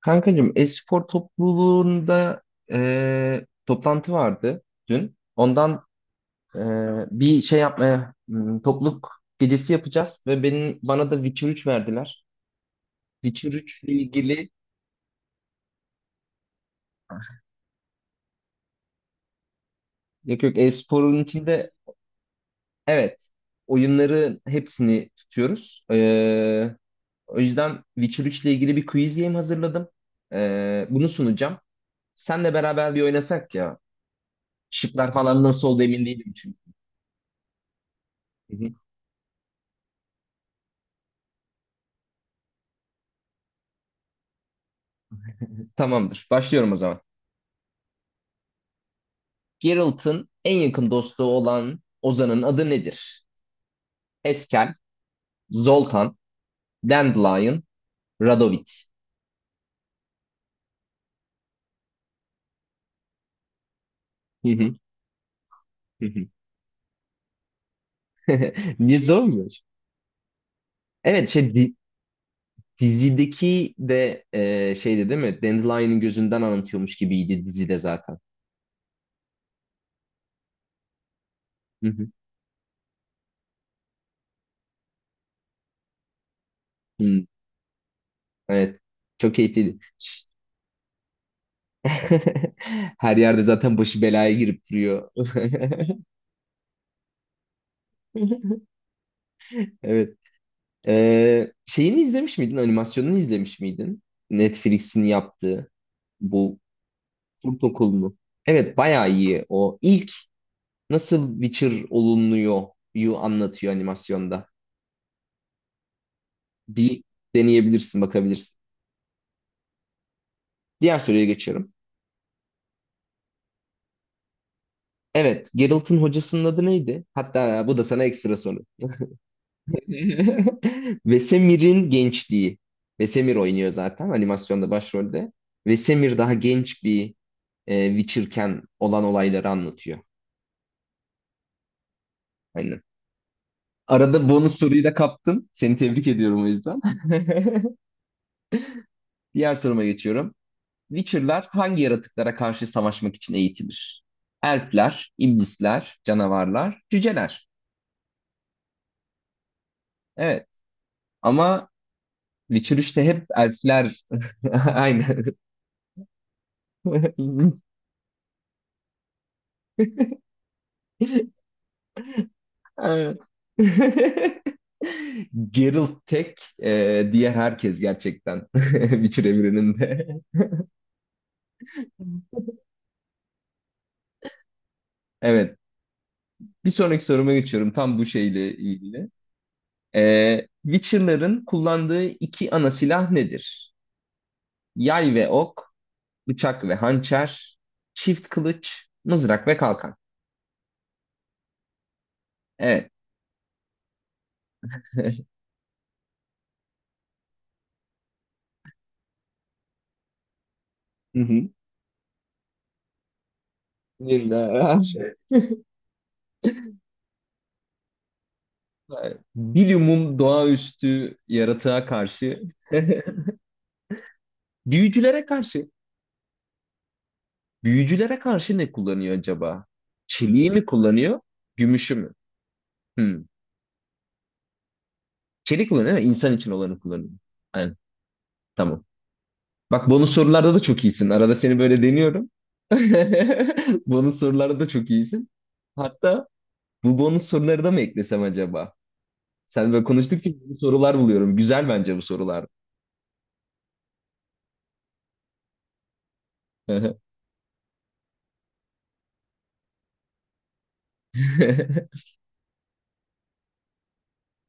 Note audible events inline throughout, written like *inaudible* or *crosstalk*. Kankacığım, e-spor topluluğunda toplantı vardı dün. Ondan e, bir şey yapmaya topluluk gecesi yapacağız ve bana da Witcher 3 verdiler. Witcher 3 ile ilgili, yok yok, e-sporun içinde, evet, oyunların hepsini tutuyoruz. O yüzden Witcher 3 ile ilgili bir quiz game hazırladım. Bunu sunacağım. Senle beraber bir oynasak ya. Şıklar falan nasıl oldu emin değilim çünkü. Hı hı. Tamamdır. Başlıyorum o zaman. Geralt'ın en yakın dostu olan Ozan'ın adı nedir? Eskel, Zoltan, Dandelion, Radovid. Hı hı, hı hı. *laughs* Niye sormuyorsun? Evet, dizideki de şeydi değil mi? Dandelion'ın gözünden anlatıyormuş gibiydi dizide zaten. Hı hı. Hmm, evet. Çok keyifliydi. *laughs* Her yerde zaten başı belaya girip duruyor. *laughs* Evet. Şeyini izlemiş miydin? Animasyonunu izlemiş miydin? Netflix'in yaptığı bu kurt okulunu. Evet, bayağı iyi o. İlk nasıl Witcher olunuyor yu anlatıyor animasyonda. Bir deneyebilirsin, bakabilirsin. Diğer soruya geçiyorum. Evet, Geralt'ın hocasının adı neydi? Hatta bu da sana ekstra soru. *laughs* Vesemir'in gençliği. Vesemir oynuyor zaten animasyonda başrolde. Vesemir daha genç bir Witcher'ken olan olayları anlatıyor. Aynen. Arada bonus soruyu da kaptın. Seni tebrik ediyorum o yüzden. *laughs* Diğer soruma geçiyorum. Witcher'lar hangi yaratıklara karşı savaşmak için eğitilir? Elfler, iblisler, canavarlar, cüceler. Evet. Ama Witcher 3'te hep elfler. *laughs* Aynen. *laughs* Geralt tek, diğer herkes gerçekten *laughs* Witcher evreninde. Evet. Bir sonraki soruma geçiyorum. Tam bu şeyle ilgili. Witcher'ların kullandığı iki ana silah nedir? Yay ve ok, bıçak ve hançer, çift kılıç, mızrak ve kalkan. Evet. Hı hı. Yine her şey. Evet. Bilumum doğaüstü yaratığa karşı. *laughs* Büyücülere karşı. Büyücülere karşı ne kullanıyor acaba? Çeliği mi kullanıyor? Gümüşü mü? Hmm. Çelik kullanıyor değil mi? İnsan için olanı kullanıyor. Aynen. Tamam. Bak, bonus sorularda da çok iyisin. Arada seni böyle deniyorum. *laughs* Bonus sorularda da çok iyisin. Hatta bu bonus soruları da mı eklesem acaba? Sen böyle konuştukça yeni sorular buluyorum. Güzel bence bu sorular. *laughs*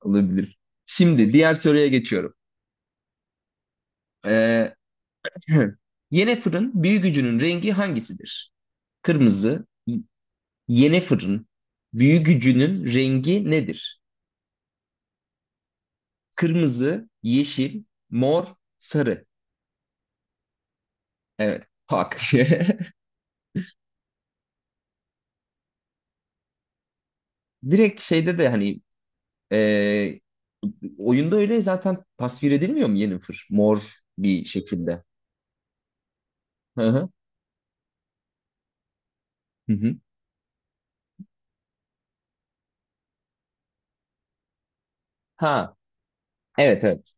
Olabilir. Şimdi diğer soruya geçiyorum. Ee, *clears throat* Yene fırın gücünün rengi hangisidir? Kırmızı. Yene fırın gücünün rengi nedir? Kırmızı, yeşil, mor, sarı. Evet. Hak. *laughs* Direkt şeyde de hani e, oyunda öyle zaten tasvir edilmiyor mu Yennefer? Mor bir şekilde. Hı hı. Hı hı. Ha. Evet, evet.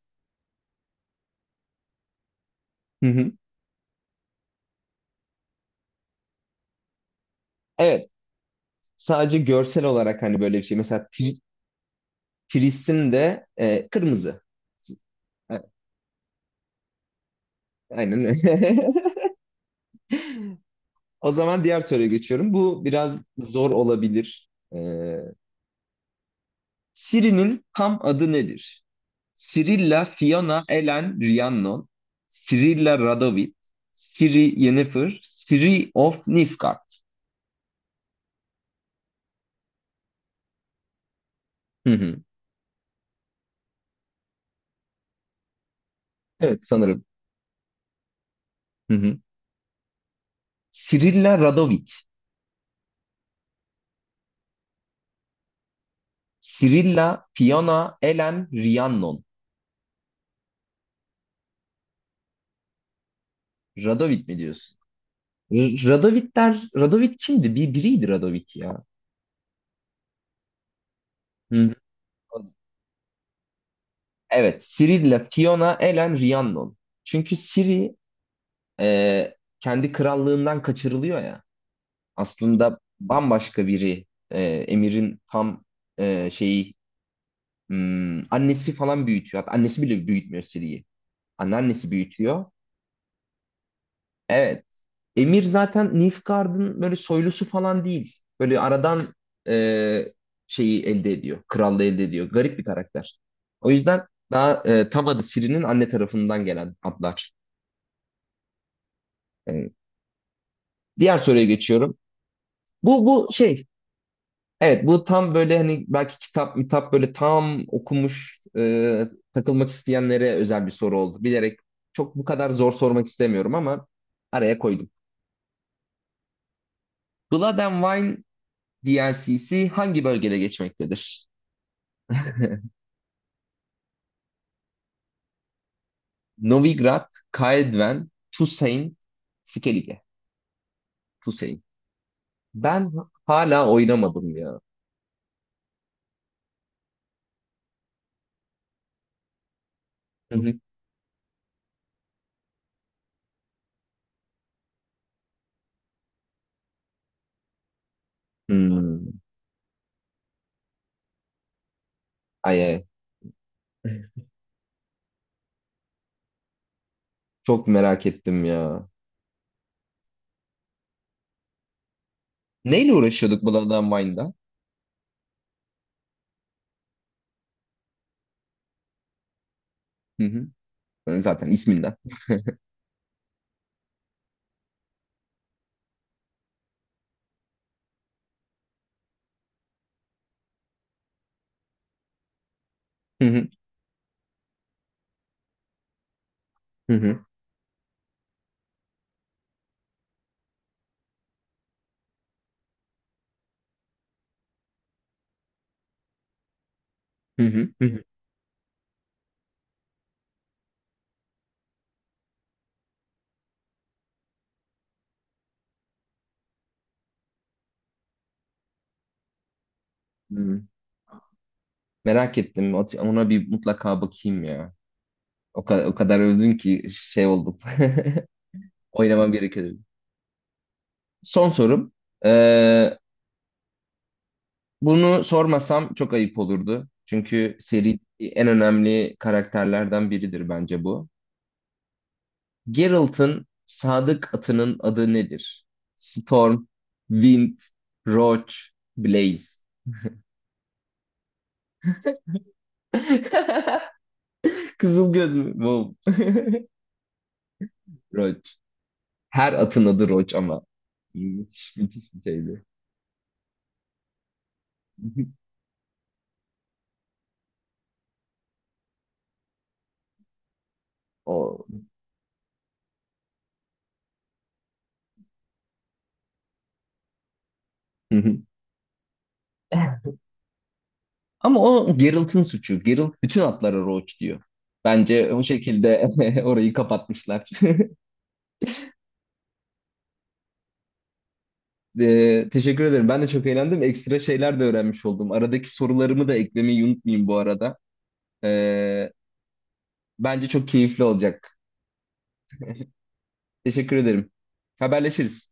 Hı hı. Evet. Sadece görsel olarak hani böyle bir şey. Mesela Tris'in de kırmızı. A- Aynen öyle. *laughs* O zaman diğer soruya geçiyorum. Bu biraz zor olabilir. E, Siri'nin tam adı nedir? Cirilla Fiona Ellen Rhiannon. Cirilla Radovid. Ciri Yennefer. Ciri of Nifgard. Hı hı. Evet, sanırım. Hı hı. Cirilla Radovid. Cirilla Fiona Ellen Rhiannon. Radovid mi diyorsun? Radovitler, Radovit kimdi? Bir biriydi Radovit ya. Hı. Evet, Ciri'yle Fiona, Elen, Rhiannon. Çünkü Ciri kendi krallığından kaçırılıyor ya. Aslında bambaşka biri. Emir'in tam şeyi, annesi falan büyütüyor. Hatta annesi bile büyütmüyor Ciri'yi. Anneannesi büyütüyor. Evet. Emir zaten Nilfgaard'ın böyle soylusu falan değil. Böyle aradan e, şeyi elde ediyor. Krallığı elde ediyor. Garip bir karakter. O yüzden daha tam adı Ciri'nin anne tarafından gelen adlar. E, Diğer soruya geçiyorum. Bu şey. Evet, bu tam böyle hani belki kitap mitap böyle tam okumuş, takılmak isteyenlere özel bir soru oldu. Bilerek çok bu kadar zor sormak istemiyorum ama araya koydum. Blood and Wine DLC'si hangi bölgede geçmektedir? *laughs* Novigrad, Kael'Dven, Tusain, Skellige. Tusain. Ben hala oynamadım ya. Hı hı. Hmm. Ay ay. Çok merak ettim ya. Neyle uğraşıyorduk Blood and. Hı hı. Yani zaten isminden. Hı hı. Hı hı. Hı hı. Hı hı. Hı. Merak ettim. Ona bir mutlaka bakayım ya. O kadar, o kadar övdün ki şey oldum. *laughs* Oynamam gerekiyor. Son sorum. Ee, Bunu sormasam çok ayıp olurdu. Çünkü seri en önemli karakterlerden biridir bence bu. Geralt'ın sadık atının adı nedir? Storm, Wind, Roach, Blaze. *laughs* Kızıl göz mü? Wow. Roach. Her atın adı Roach ama. Müthiş, müthiş bir şeydi. *laughs* O. Hı hı. *laughs* Ama o Geralt'ın suçu. Geralt bütün atlara Roach diyor. Bence o şekilde *laughs* orayı kapatmışlar. *laughs* Teşekkür ederim. Ben de çok eğlendim. Ekstra şeyler de öğrenmiş oldum. Aradaki sorularımı da eklemeyi unutmayayım bu arada. Ee, Bence çok keyifli olacak. Teşekkür ederim. Haberleşiriz.